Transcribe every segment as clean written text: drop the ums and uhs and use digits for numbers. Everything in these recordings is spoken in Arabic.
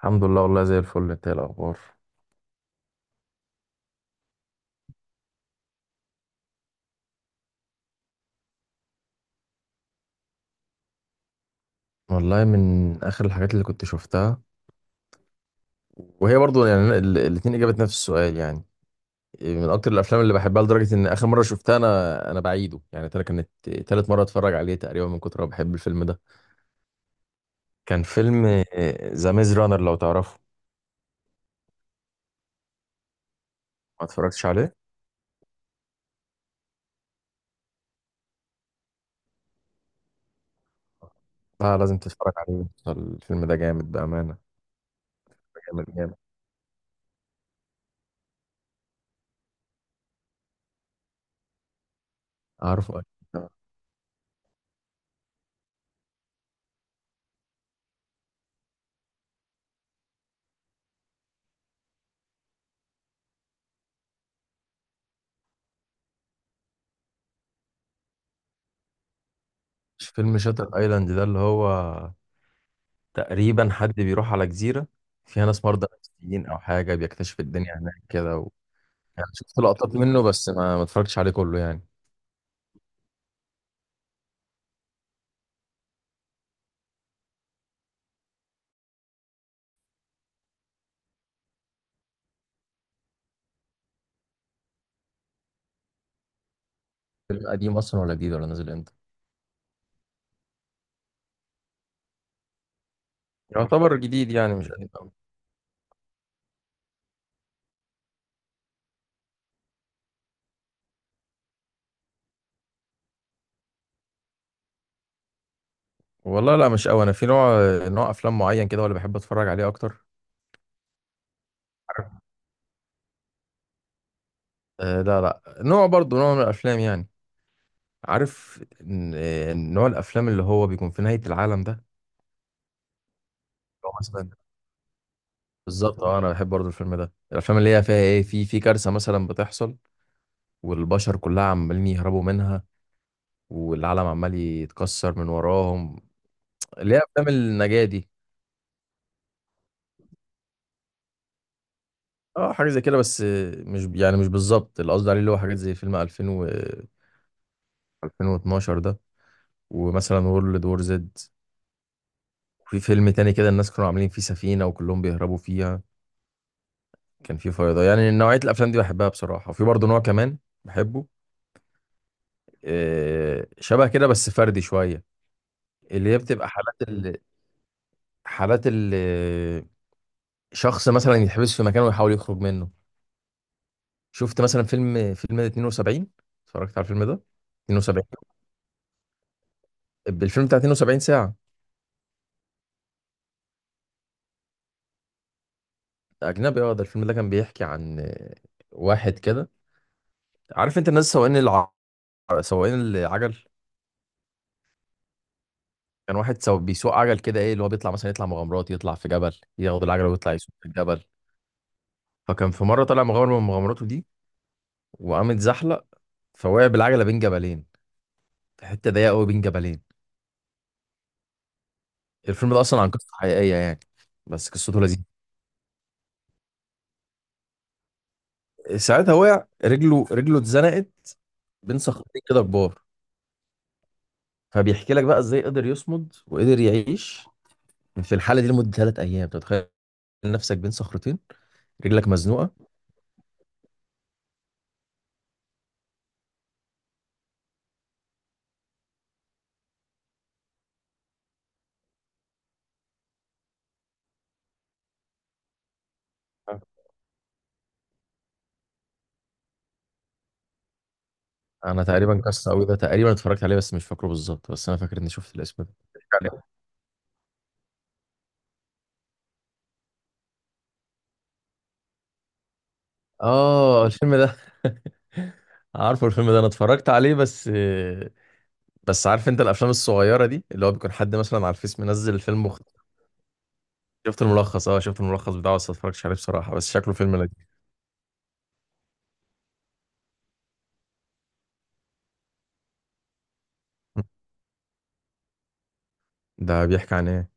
الحمد لله والله زي الفل، انت ايه الاخبار؟ والله من اخر الحاجات اللي كنت شفتها، وهي برضو يعني الاثنين اجابه نفس السؤال يعني، من اكتر الافلام اللي بحبها لدرجه ان اخر مره شفتها، انا بعيده يعني ترى كانت تالت مره اتفرج عليه تقريبا من كتر ما بحب الفيلم ده، كان فيلم ذا ميز رانر لو تعرفه. ما اتفرجتش عليه. لا، لازم تتفرج عليه، الفيلم ده جامد بامانه. جامد جامد. عارفه اكيد. مش فيلم شاتر ايلاند ده اللي هو تقريبا حد بيروح على جزيرة فيها ناس مرضى نفسيين أو حاجة، بيكتشف الدنيا هناك كده و... يعني شفت لقطات منه بس ما اتفرجتش عليه كله يعني. فيلم قديم اصلا ولا جديد ولا نازل امتى؟ يعتبر جديد يعني مش قديم أوي. والله لا، مش أوي، أنا في نوع أفلام معين كده ولا بحب أتفرج عليه أكتر. آه لا لا، نوع برضه نوع من الأفلام يعني، عارف إن- نوع الأفلام اللي هو بيكون في نهاية العالم ده، اللي هو مثلا، بالظبط اه، انا بحب برضه الفيلم ده، الافلام اللي هي فيها ايه، في كارثه مثلا بتحصل، والبشر كلها عمالين يهربوا منها، والعالم عمال يتكسر من وراهم، اللي هي افلام النجاة دي. اه حاجه زي كده، بس مش يعني مش بالظبط اللي قصدي عليه، اللي هو حاجات زي فيلم 2000 و 2012 ده، ومثلا وورلد وور زد، وفي فيلم تاني كده الناس كانوا عاملين فيه سفينه وكلهم بيهربوا فيها، كان فيه فيضان، يعني نوعيه الافلام دي بحبها بصراحه، وفي برضه نوع كمان بحبه، شبه كده بس فردي شويه، اللي هي بتبقى حالات ال... حالات ال... شخص مثلا يتحبس في مكان ويحاول يخرج منه. شفت مثلا فيلم 72. اتفرجت على الفيلم ده. 72. الفيلم بتاع 72 ساعة. أجنبي اه، ده الفيلم ده كان بيحكي عن واحد كده، عارف أنت الناس سواقين الع... سواقين العجل. كان واحد سو... بيسوق عجل كده، إيه اللي هو بيطلع مثلا يطلع مغامرات، يطلع في جبل ياخد العجلة ويطلع يسوق في الجبل. فكان في مرة طلع مغامرة من مغامراته دي، وقام اتزحلق، فوقع بالعجلة بين جبلين، في حتة ضيقة قوي بين جبلين. الفيلم ده أصلا عن قصة حقيقية يعني، بس قصته لذيذة. ساعتها وقع رجله اتزنقت بين صخرتين كده كبار، فبيحكي لك بقى ازاي قدر يصمد وقدر يعيش في الحاله دي لمده 3 ايام. أنت متخيل نفسك بين صخرتين، رجلك مزنوقه؟ انا تقريبا كاس قوي ده، تقريبا اتفرجت عليه بس مش فاكره بالظبط، بس انا فاكر اني شفت الاسم ده بيحكي عليه. اه الفيلم ده. عارفه الفيلم ده انا اتفرجت عليه، بس عارف انت الافلام الصغيره دي اللي هو بيكون حد مثلا على الفيس منزل الفيلم مخ... شفت الملخص، شفت الملخص بتاعه بس ما اتفرجتش عليه بصراحه، بس شكله فيلم لذيذ. ده بيحكي عن ايه؟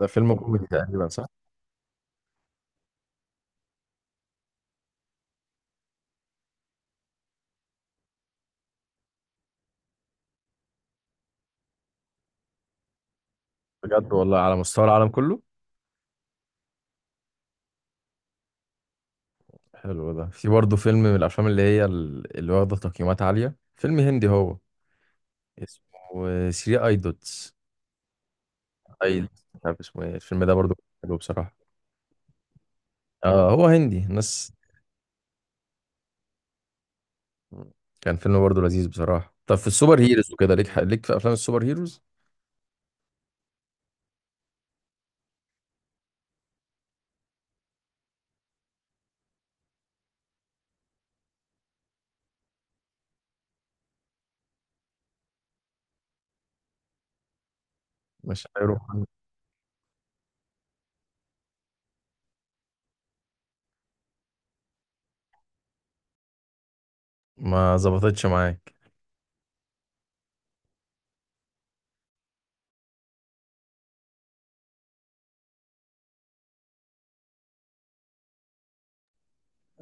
ده فيلم كوميدي تقريبا، صح؟ بجد والله على مستوى العالم كله. حلو، ده في برضه فيلم من الافلام اللي هي ال- اللي واخده تقييمات عاليه، فيلم هندي هو، اسمه 3 اي دوتس. مش عارف اسمه ايه الفيلم ده برضه. حلو بصراحه. اه هو هندي ناس. كان فيلم برضه لذيذ بصراحه. طب في السوبر هيروز وكده، ليك في افلام السوبر هيروز؟ مش هيروح. ما ظبطتش معاك.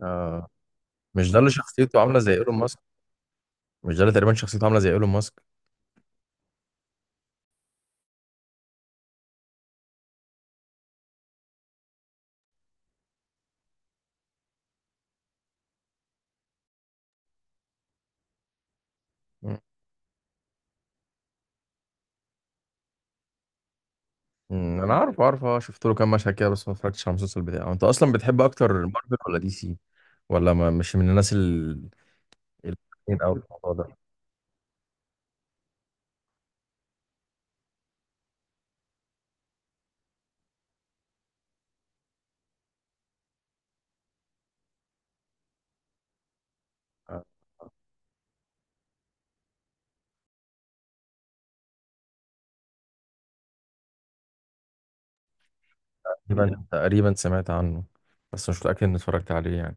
آه مش ده اللي شخصيته عامله زي ايلون ماسك، مش ده اللي تقريبا شخصيته عامله زي ايلون ماسك؟ انا عارف عارف، شفت له كام مشهد كده بس ما اتفرجتش على المسلسل بتاعه. انت اصلا بتحب اكتر مارفل ولا دي سي، ولا ما مش من الناس ال- الاثنين او الموضوع ده؟ آه، تقريبا سمعت عنه بس مش متاكد اني اتفرجت عليه يعني.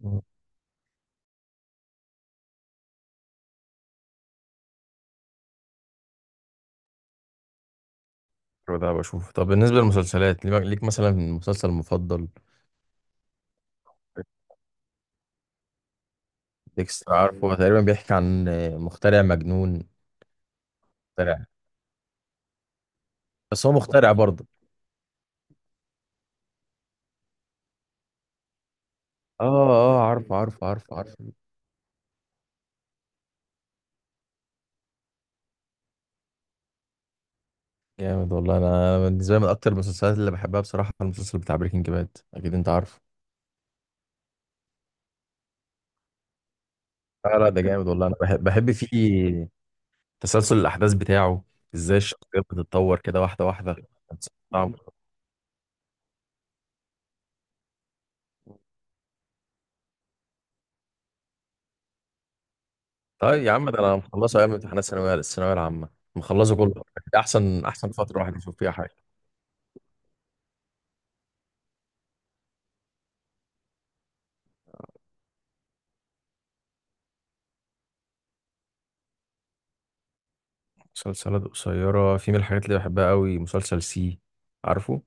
مم. حلو ده بشوف. طب بالنسبه للمسلسلات، ليك مثلا مسلسل مفضل؟ ديكستر عارفه، هو تقريبا بيحكي عن مخترع مجنون. مخترع. بس هو مخترع برضه. اه اه، عارفه عارفه عارفه عارفه. جامد والله، انا بالنسبه لي من اكتر المسلسلات اللي بحبها بصراحه المسلسل بتاع بريكنج باد، اكيد انت عارف. لا لا، ده جامد والله، انا بحب فيه تسلسل الاحداث بتاعه، ازاي الشخصيات بتتطور كده واحده واحده. صعب. طيب يا عم، ده انا مخلصه ايام امتحانات الثانويه العامه، مخلصه كله. احسن، احسن فتره الواحد يشوف فيها حاجه. مسلسلات قصيرة، في من الحاجات اللي بحبها قوي مسلسل سي، عارفه.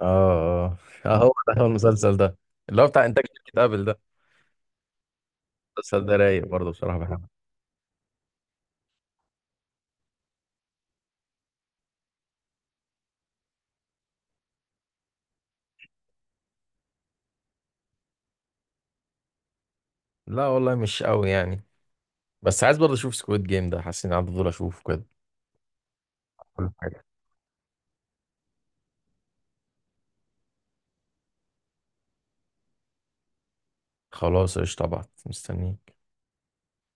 اه. اه هو ده، هو المسلسل ده اللي هو بتاع انتاج شركه ابل ده. المسلسل ده رايق برضه بصراحه، بحبه. لا والله مش قوي يعني، بس عايز برضه اشوف سكويد جيم ده، حاسس اني عندي فضول اشوفه. كده. خلاص، قشطة، طبعا مستنيك.